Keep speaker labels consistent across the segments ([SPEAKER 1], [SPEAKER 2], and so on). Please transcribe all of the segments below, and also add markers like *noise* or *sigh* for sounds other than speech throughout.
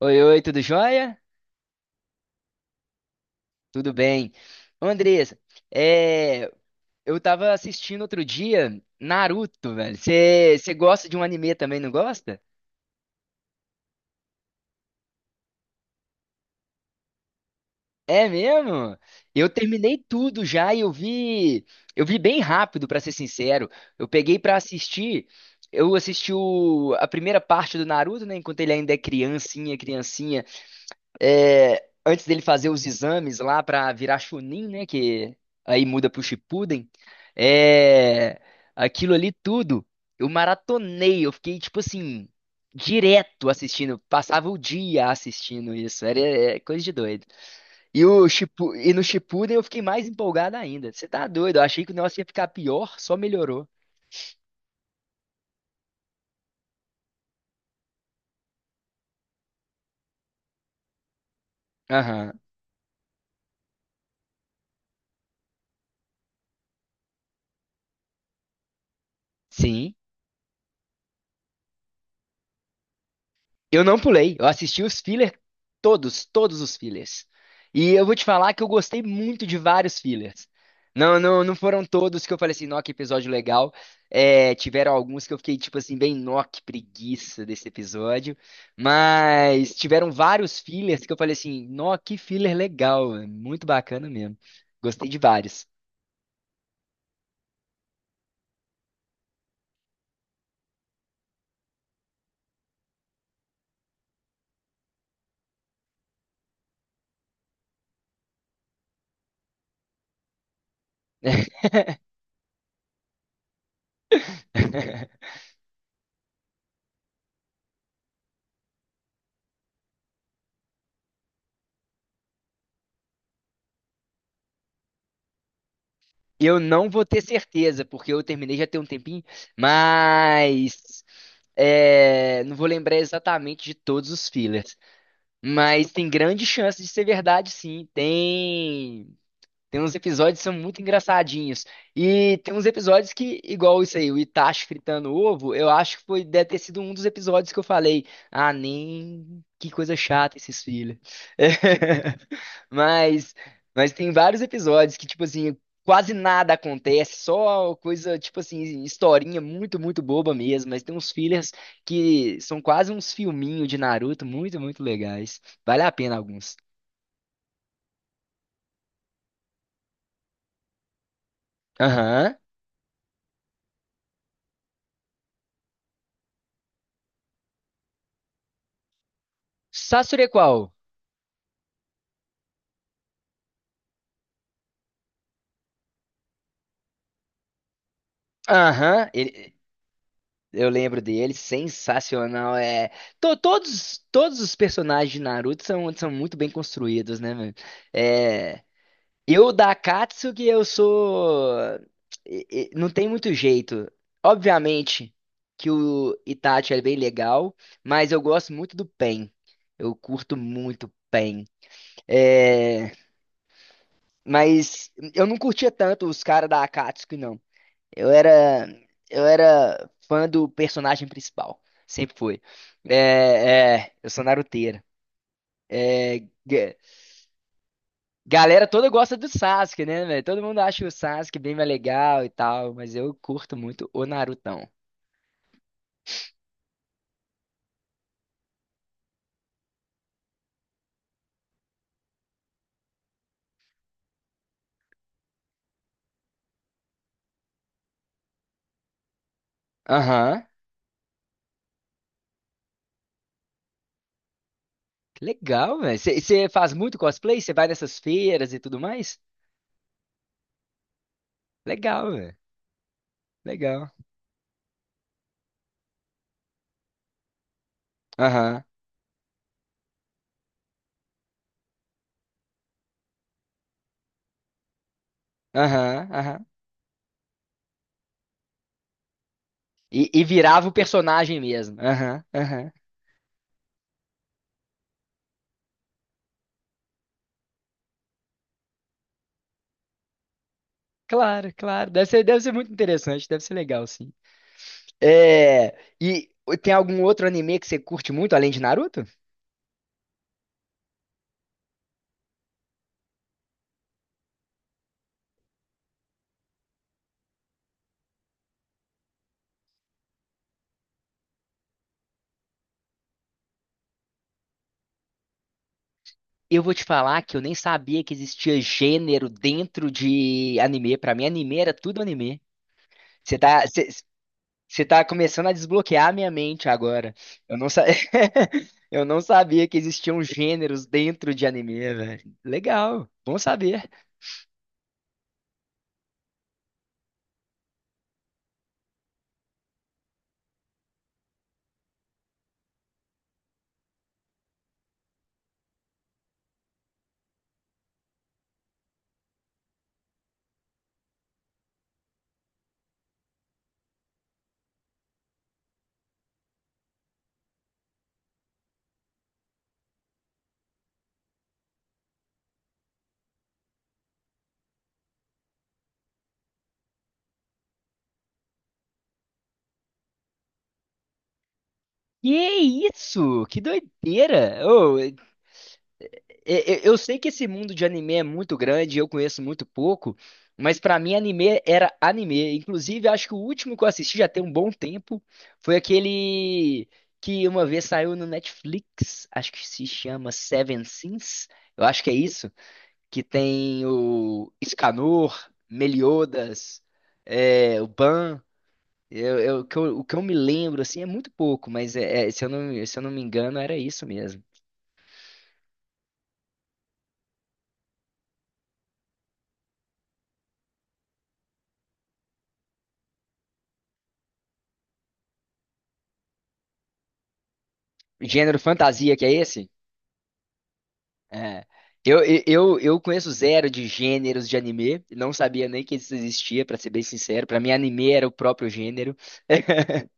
[SPEAKER 1] Oi, oi, tudo jóia? Tudo bem. Ô, Andressa, é, eu tava assistindo outro dia Naruto, velho. Você gosta de um anime também, não gosta? É mesmo? Eu terminei tudo já e eu vi bem rápido, pra ser sincero. Eu peguei pra assistir, eu assisti a primeira parte do Naruto, né, enquanto ele ainda é criancinha, criancinha. É, antes dele fazer os exames lá pra virar Chunin, né? Que aí muda pro Shippuden. É, aquilo ali tudo, eu maratonei. Eu fiquei, tipo assim, direto assistindo. Passava o dia assistindo isso. Era é coisa de doido. E no Shippuden eu fiquei mais empolgado ainda. Você tá doido? Eu achei que o negócio ia ficar pior, só melhorou. Aham. Sim. Eu não pulei, eu assisti os fillers todos os fillers. E eu vou te falar que eu gostei muito de vários fillers. Não foram todos que eu falei assim, nó, que episódio legal. É, tiveram alguns que eu fiquei tipo assim, bem, nó, que preguiça desse episódio. Mas tiveram vários fillers que eu falei assim, nó, que filler legal, é muito bacana mesmo. Gostei de vários. *laughs* Eu não vou ter certeza, porque eu terminei já tem um tempinho, mas é, não vou lembrar exatamente de todos os fillers, mas tem grande chance de ser verdade, sim. Tem uns episódios que são muito engraçadinhos. E tem uns episódios que, igual isso aí, o Itachi fritando ovo, eu acho que foi, deve ter sido um dos episódios que eu falei, ah, nem que coisa chata esses filhos. *laughs* Mas, mas tem vários episódios que, tipo assim, quase nada acontece, só coisa, tipo assim, historinha muito boba mesmo. Mas tem uns fillers que são quase uns filminhos de Naruto, muito legais. Vale a pena alguns. Aham. Sasure qual? Aham, eu lembro dele, sensacional. É, todos os personagens de Naruto são, são muito bem construídos, né, mano? É, eu da Akatsuki, eu sou. Não tem muito jeito. Obviamente que o Itachi é bem legal, mas eu gosto muito do Pain. Eu curto muito o Pain. É, mas eu não curtia tanto os caras da Akatsuki, não. Eu era, eu era fã do personagem principal. Sempre foi. Eu sou naruteiro. É, ga- galera toda gosta do Sasuke, né, velho? Todo mundo acha o Sasuke bem mais legal e tal, mas eu curto muito o Narutão. Aham. Que legal, velho. Você faz muito cosplay? Você vai nessas feiras e tudo mais? Legal, velho. Legal. Aham, aham. E virava o personagem mesmo. Aham, aham. Claro, claro. Deve ser muito interessante. Deve ser legal, sim. É, e tem algum outro anime que você curte muito além de Naruto? Eu vou te falar que eu nem sabia que existia gênero dentro de anime. Pra mim, anime era tudo anime. Você tá, você, você tá começando a desbloquear a minha mente agora. Eu não, sa... *laughs* eu não sabia que existiam gêneros dentro de anime, velho. Legal, bom saber. Que isso? Que doideira! Ô, eu sei que esse mundo de anime é muito grande, eu conheço muito pouco, mas pra mim anime era anime. Inclusive, acho que o último que eu assisti já tem um bom tempo foi aquele que uma vez saiu no Netflix, acho que se chama Seven Sins, eu acho que é isso, que tem o Escanor, Meliodas, é, o Ban. O que eu me lembro assim é muito pouco, mas é, se eu não me engano era isso mesmo. Gênero fantasia que é esse? É. Eu conheço zero de gêneros de anime, não sabia nem que isso existia, pra ser bem sincero. Pra mim, anime era o próprio gênero. *laughs*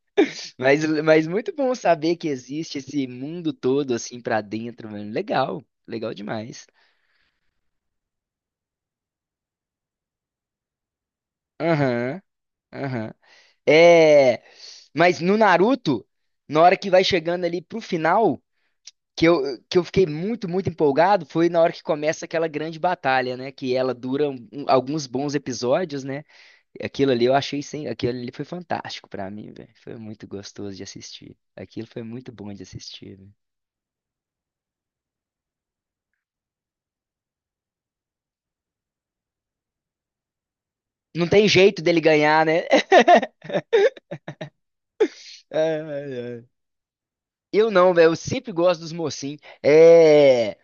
[SPEAKER 1] Mas muito bom saber que existe esse mundo todo assim pra dentro, mano. Legal, legal demais. Aham, aham. É, mas no Naruto, na hora que vai chegando ali pro final, que eu, que eu fiquei muito empolgado, foi na hora que começa aquela grande batalha, né? Que ela dura alguns bons episódios, né? Aquilo ali eu achei sem, aquilo ali foi fantástico pra mim, velho. Foi muito gostoso de assistir. Aquilo foi muito bom de assistir, velho. Não tem jeito dele ganhar, né? *laughs* Ai, ai. Eu não, velho. Eu sempre gosto dos mocinhos. É.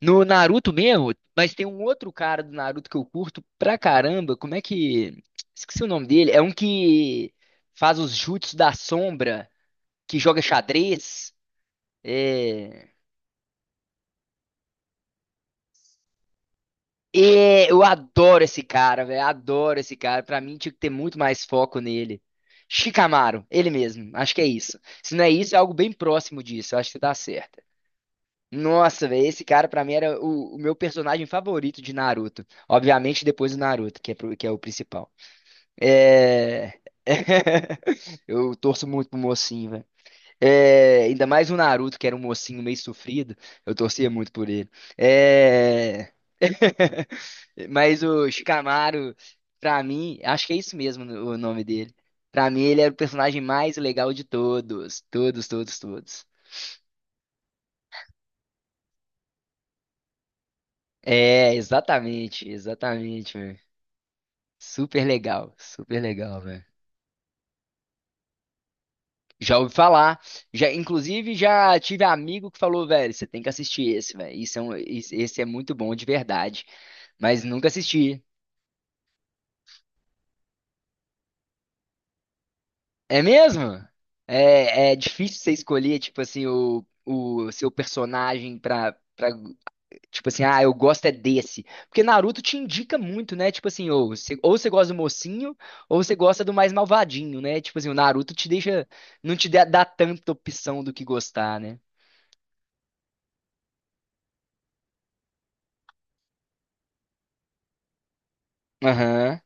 [SPEAKER 1] No Naruto mesmo, mas tem um outro cara do Naruto que eu curto pra caramba. Como é que. Esqueci o nome dele. É um que faz os jutsus da sombra, que joga xadrez. É. É, eu adoro esse cara, velho. Adoro esse cara. Pra mim, tinha que ter muito mais foco nele. Chicamaro, ele mesmo. Acho que é isso. Se não é isso, é algo bem próximo disso. Eu acho que tá certo. Nossa, velho, esse cara pra mim era o meu personagem favorito de Naruto. Obviamente, depois do Naruto, que é, que é o principal. É... *laughs* Eu torço muito pro mocinho, velho. É, ainda mais o Naruto, que era um mocinho meio sofrido. Eu torcia muito por ele. É... *laughs* Mas o Shikamaru, pra mim, acho que é isso mesmo o nome dele. Pra mim, ele era o personagem mais legal de todos. Todos, todos, todos. É, exatamente, exatamente, velho. Super legal, velho. Já ouvi falar. Já, inclusive, já tive amigo que falou, velho, você tem que assistir esse, velho. Esse é muito bom de verdade. Mas nunca assisti. É mesmo? É, é difícil você escolher, tipo assim, o seu personagem pra. Tipo assim, ah, eu gosto é desse. Porque Naruto te indica muito, né? Tipo assim, ou você gosta do mocinho, ou você gosta do mais malvadinho, né? Tipo assim, o Naruto te deixa. Não te dá, dá tanta opção do que gostar, né? Aham,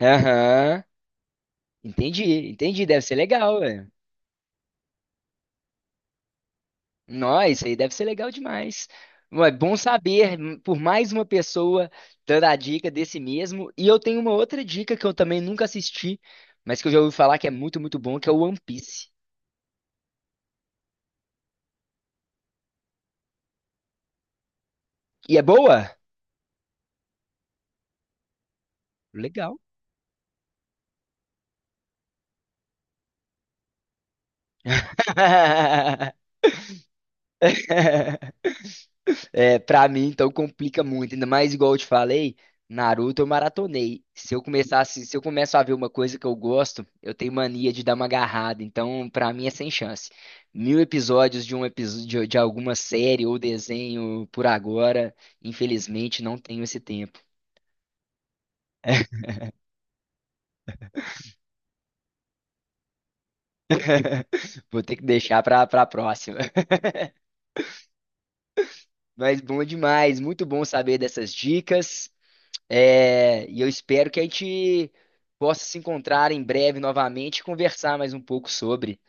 [SPEAKER 1] aham. Entendi, entendi. Deve ser legal. Nossa, isso aí deve ser legal demais. Ué, bom saber, por mais uma pessoa dando a dica desse mesmo. E eu tenho uma outra dica que eu também nunca assisti, mas que eu já ouvi falar que é muito bom, que é o One Piece. E é boa? Legal. *laughs* É, pra mim, então, complica muito. Ainda mais igual eu te falei, Naruto eu maratonei. Se eu começo a ver uma coisa que eu gosto, eu tenho mania de dar uma agarrada. Então, pra mim é sem chance. Mil episódios de um episódio de alguma série ou desenho por agora, infelizmente não tenho esse tempo. *laughs* Vou ter que deixar pra, pra próxima. *laughs* Mas bom demais, muito bom saber dessas dicas. É, e eu espero que a gente possa se encontrar em breve novamente e conversar mais um pouco sobre.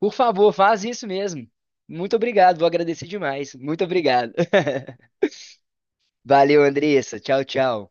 [SPEAKER 1] Por favor, faz isso mesmo. Muito obrigado, vou agradecer demais. Muito obrigado. *laughs* Valeu, Andressa. Tchau, tchau.